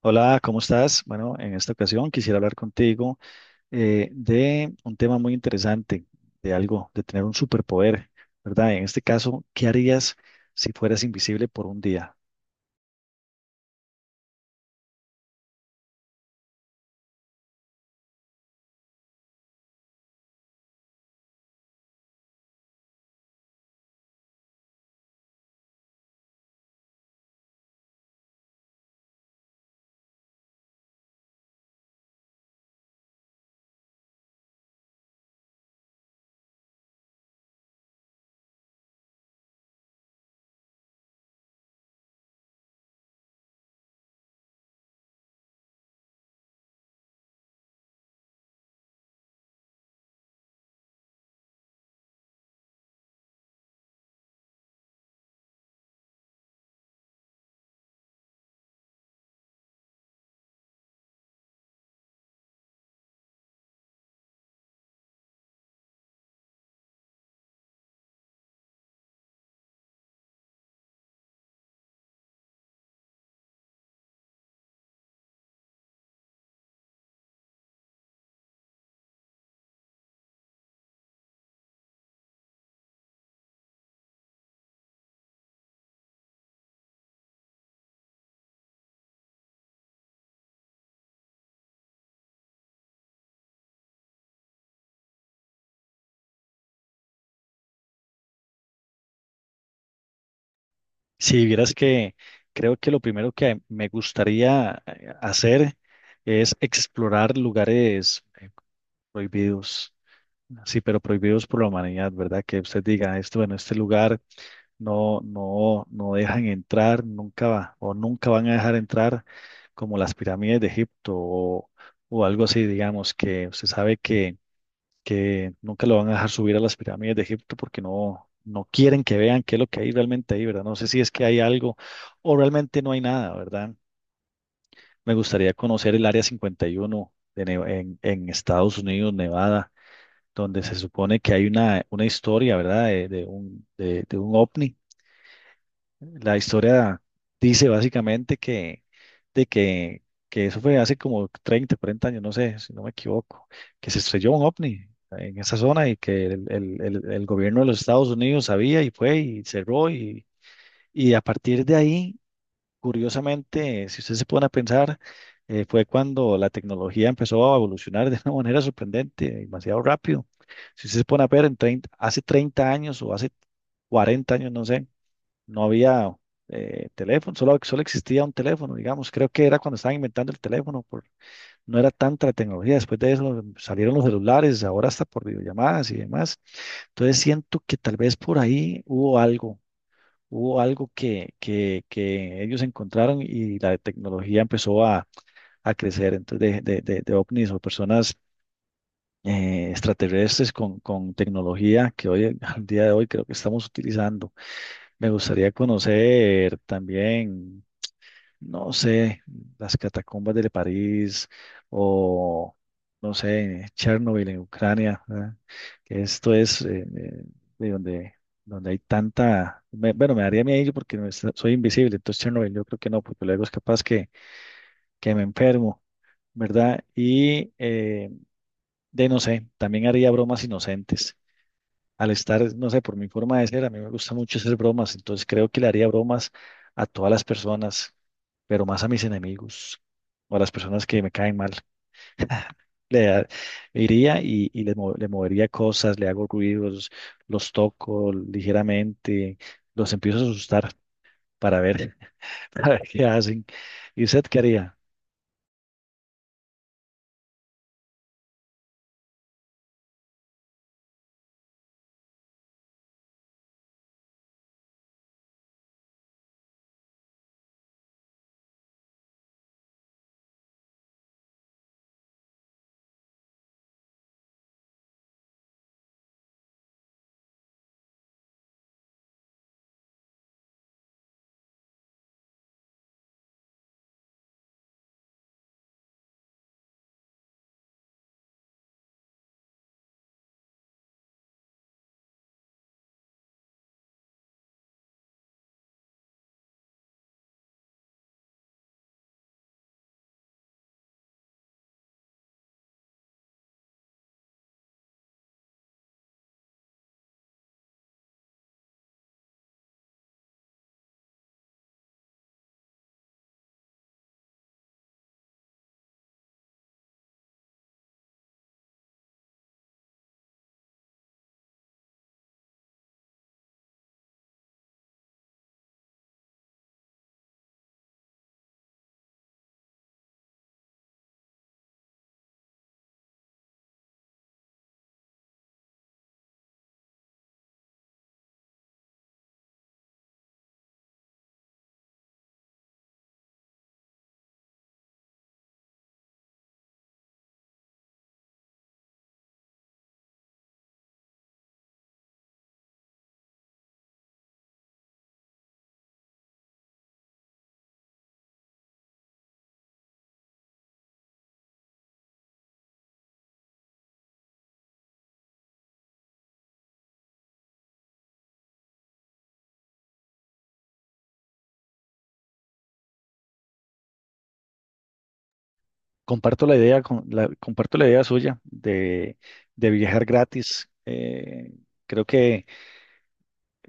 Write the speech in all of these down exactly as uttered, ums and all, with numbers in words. Hola, ¿cómo estás? Bueno, en esta ocasión quisiera hablar contigo eh, de un tema muy interesante, de algo, de tener un superpoder, ¿verdad? En este caso, ¿qué harías si fueras invisible por un día? Si vieras que creo que lo primero que me gustaría eh, hacer es explorar lugares eh, prohibidos, sí, pero prohibidos por la humanidad, ¿verdad? Que usted diga, esto, bueno, este lugar. no, no, no dejan entrar nunca va, o nunca van a dejar entrar como las pirámides de Egipto o, o algo así, digamos, que se sabe que, que nunca lo van a dejar subir a las pirámides de Egipto porque no, no quieren que vean qué es lo que hay realmente ahí, ¿verdad? No sé si es que hay algo o realmente no hay nada, ¿verdad? Me gustaría conocer el Área cincuenta y uno de Ne- en, en Estados Unidos, Nevada, donde se supone que hay una, una historia, ¿verdad? De, de un, de de un ovni. La historia dice básicamente que, de que, que eso fue hace como treinta, cuarenta años, no sé, si no me equivoco, que se estrelló un ovni en esa zona y que el, el- el- el gobierno de los Estados Unidos sabía y fue y cerró, y, y a partir de ahí, curiosamente, si ustedes se pone a pensar, eh, fue cuando la tecnología empezó a evolucionar de una manera sorprendente, demasiado rápido. Si ustedes se pone a ver en treinta, hace treinta años o hace cuarenta años, no sé, no había eh, teléfono, solo, solo existía un teléfono, digamos. Creo que era cuando estaban inventando el teléfono, por, no era tanta la tecnología. Después de eso salieron los celulares, ahora hasta por videollamadas y demás. Entonces siento que tal vez por ahí hubo algo, hubo algo que, que, que ellos encontraron y la tecnología empezó a, a crecer. Entonces, de, de, de, de ovnis o personas eh, extraterrestres con, con tecnología que hoy, al día de hoy, creo que estamos utilizando. Me gustaría conocer también, no sé, las catacumbas de París o, no sé, Chernobyl en Ucrania, ¿verdad? Que esto es eh, eh, de donde, donde hay tanta, me- bueno, me daría miedo porque no es- soy invisible, entonces Chernobyl yo creo que no, porque luego es capaz que, que me enfermo, ¿verdad? Y eh, de, no sé, también haría bromas inocentes al estar, no sé, por mi forma de ser, a mí me gusta mucho hacer bromas, entonces creo que le haría bromas a todas las personas, pero más a mis enemigos o a las personas que me caen mal. Le da- Iría y, y le, mo- le movería cosas, le hago ruidos, los toco ligeramente, los empiezo a asustar para ver, para ver qué hacen. ¿Y usted qué haría? Comparto la idea, con, la, comparto la idea suya de, de viajar gratis. Eh, creo que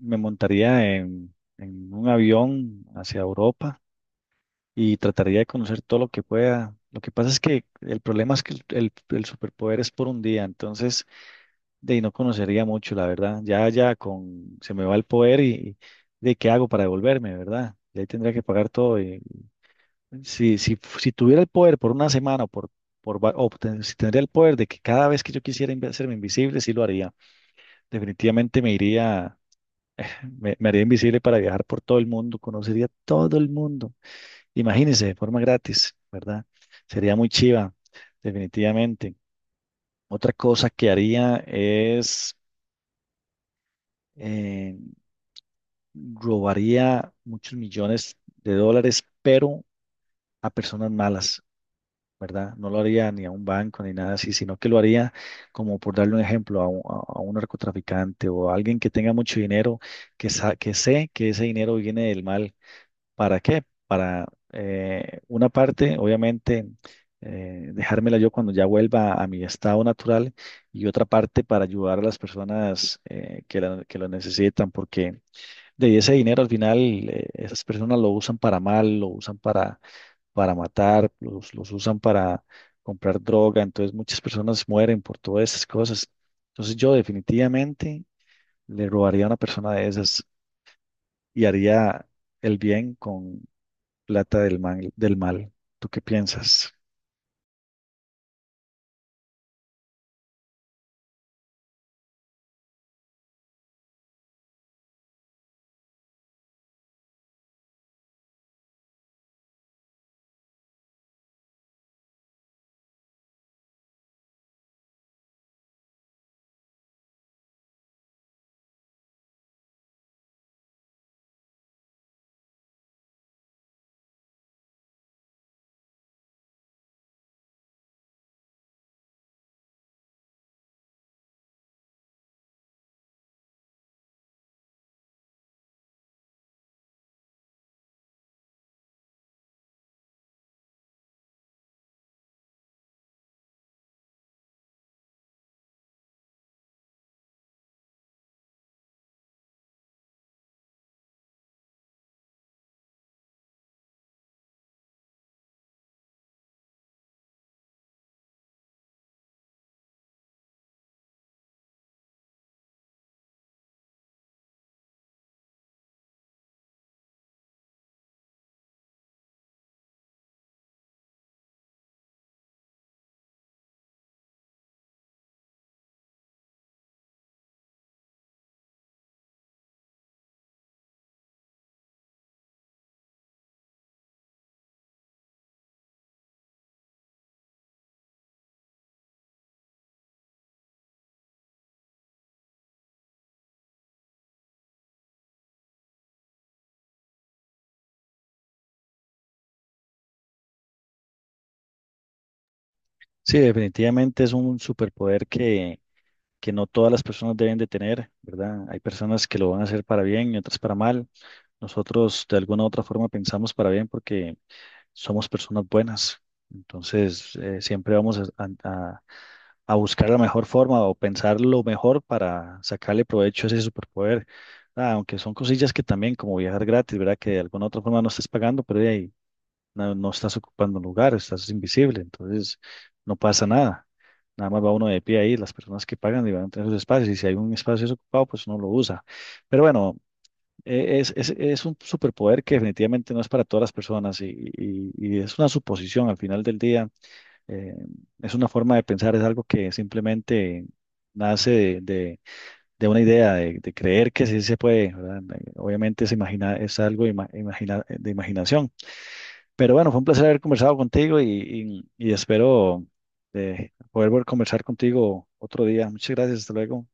me montaría en, en un avión hacia Europa y trataría de conocer todo lo que pueda. Lo que pasa es que el problema es que el, el- el superpoder es por un día, entonces de ahí no conocería mucho, la verdad. Ya, ya con se me va el poder y de qué hago para devolverme, ¿verdad? Y ahí tendría que pagar todo. y- si, si, si tuviera el poder por una semana o por, por va- o ten- si tendría el poder de que cada vez que yo quisiera inv- hacerme invisible, sí lo haría. Definitivamente me iría. Me, me haría invisible para viajar por todo el mundo, conocería todo el mundo. Imagínense, de forma gratis, ¿verdad? Sería muy chiva, definitivamente. Otra cosa que haría es eh, robaría muchos millones de dólares, pero a personas malas, ¿verdad? No lo haría ni a un banco ni nada así, sino que lo haría como por darle un ejemplo a un, a un narcotraficante o a alguien que tenga mucho dinero, que, sa- que sé que ese dinero viene del mal. ¿Para qué? Para eh, una parte, obviamente, eh, dejármela yo cuando ya vuelva a mi estado natural y otra parte para ayudar a las personas eh, que, la- que lo necesitan, porque de ese dinero al final eh, esas personas lo usan para mal, lo usan para, para matar, los, los usan para comprar droga, entonces muchas personas mueren por todas esas cosas. Entonces yo definitivamente le robaría a una persona de esas y haría el bien, plata del mal, del mal. ¿Tú qué piensas? Sí, definitivamente es un superpoder que, que no todas las personas deben de tener, ¿verdad? Hay personas que lo van a hacer para bien y otras para mal. Nosotros de alguna u otra forma pensamos para bien porque somos personas buenas. Entonces, eh, siempre vamos a, a- a buscar la mejor forma o pensar lo mejor para sacarle provecho a ese superpoder. Ah, aunque son cosillas que también, como viajar gratis, ¿verdad? Que de alguna u otra forma no estés pagando, pero de ahí no, no estás ocupando un lugar, estás invisible, entonces no pasa nada. Nada más va uno de pie ahí, las personas que pagan y van a tener sus espacios, y si hay un espacio desocupado, pues uno lo usa. Pero bueno, eh, es, es, es un superpoder que definitivamente no es para todas las personas y, y- y es una suposición al final del día, eh, es una forma de pensar, es algo que simplemente nace de, de- de una idea, de, de creer que sí se puede, ¿verdad? Eh, Obviamente es, imagina, es algo ima- imagina- de imaginación. Pero bueno, fue un placer haber conversado contigo y, y- y espero eh, poder volver a conversar contigo otro día. Muchas gracias, hasta luego.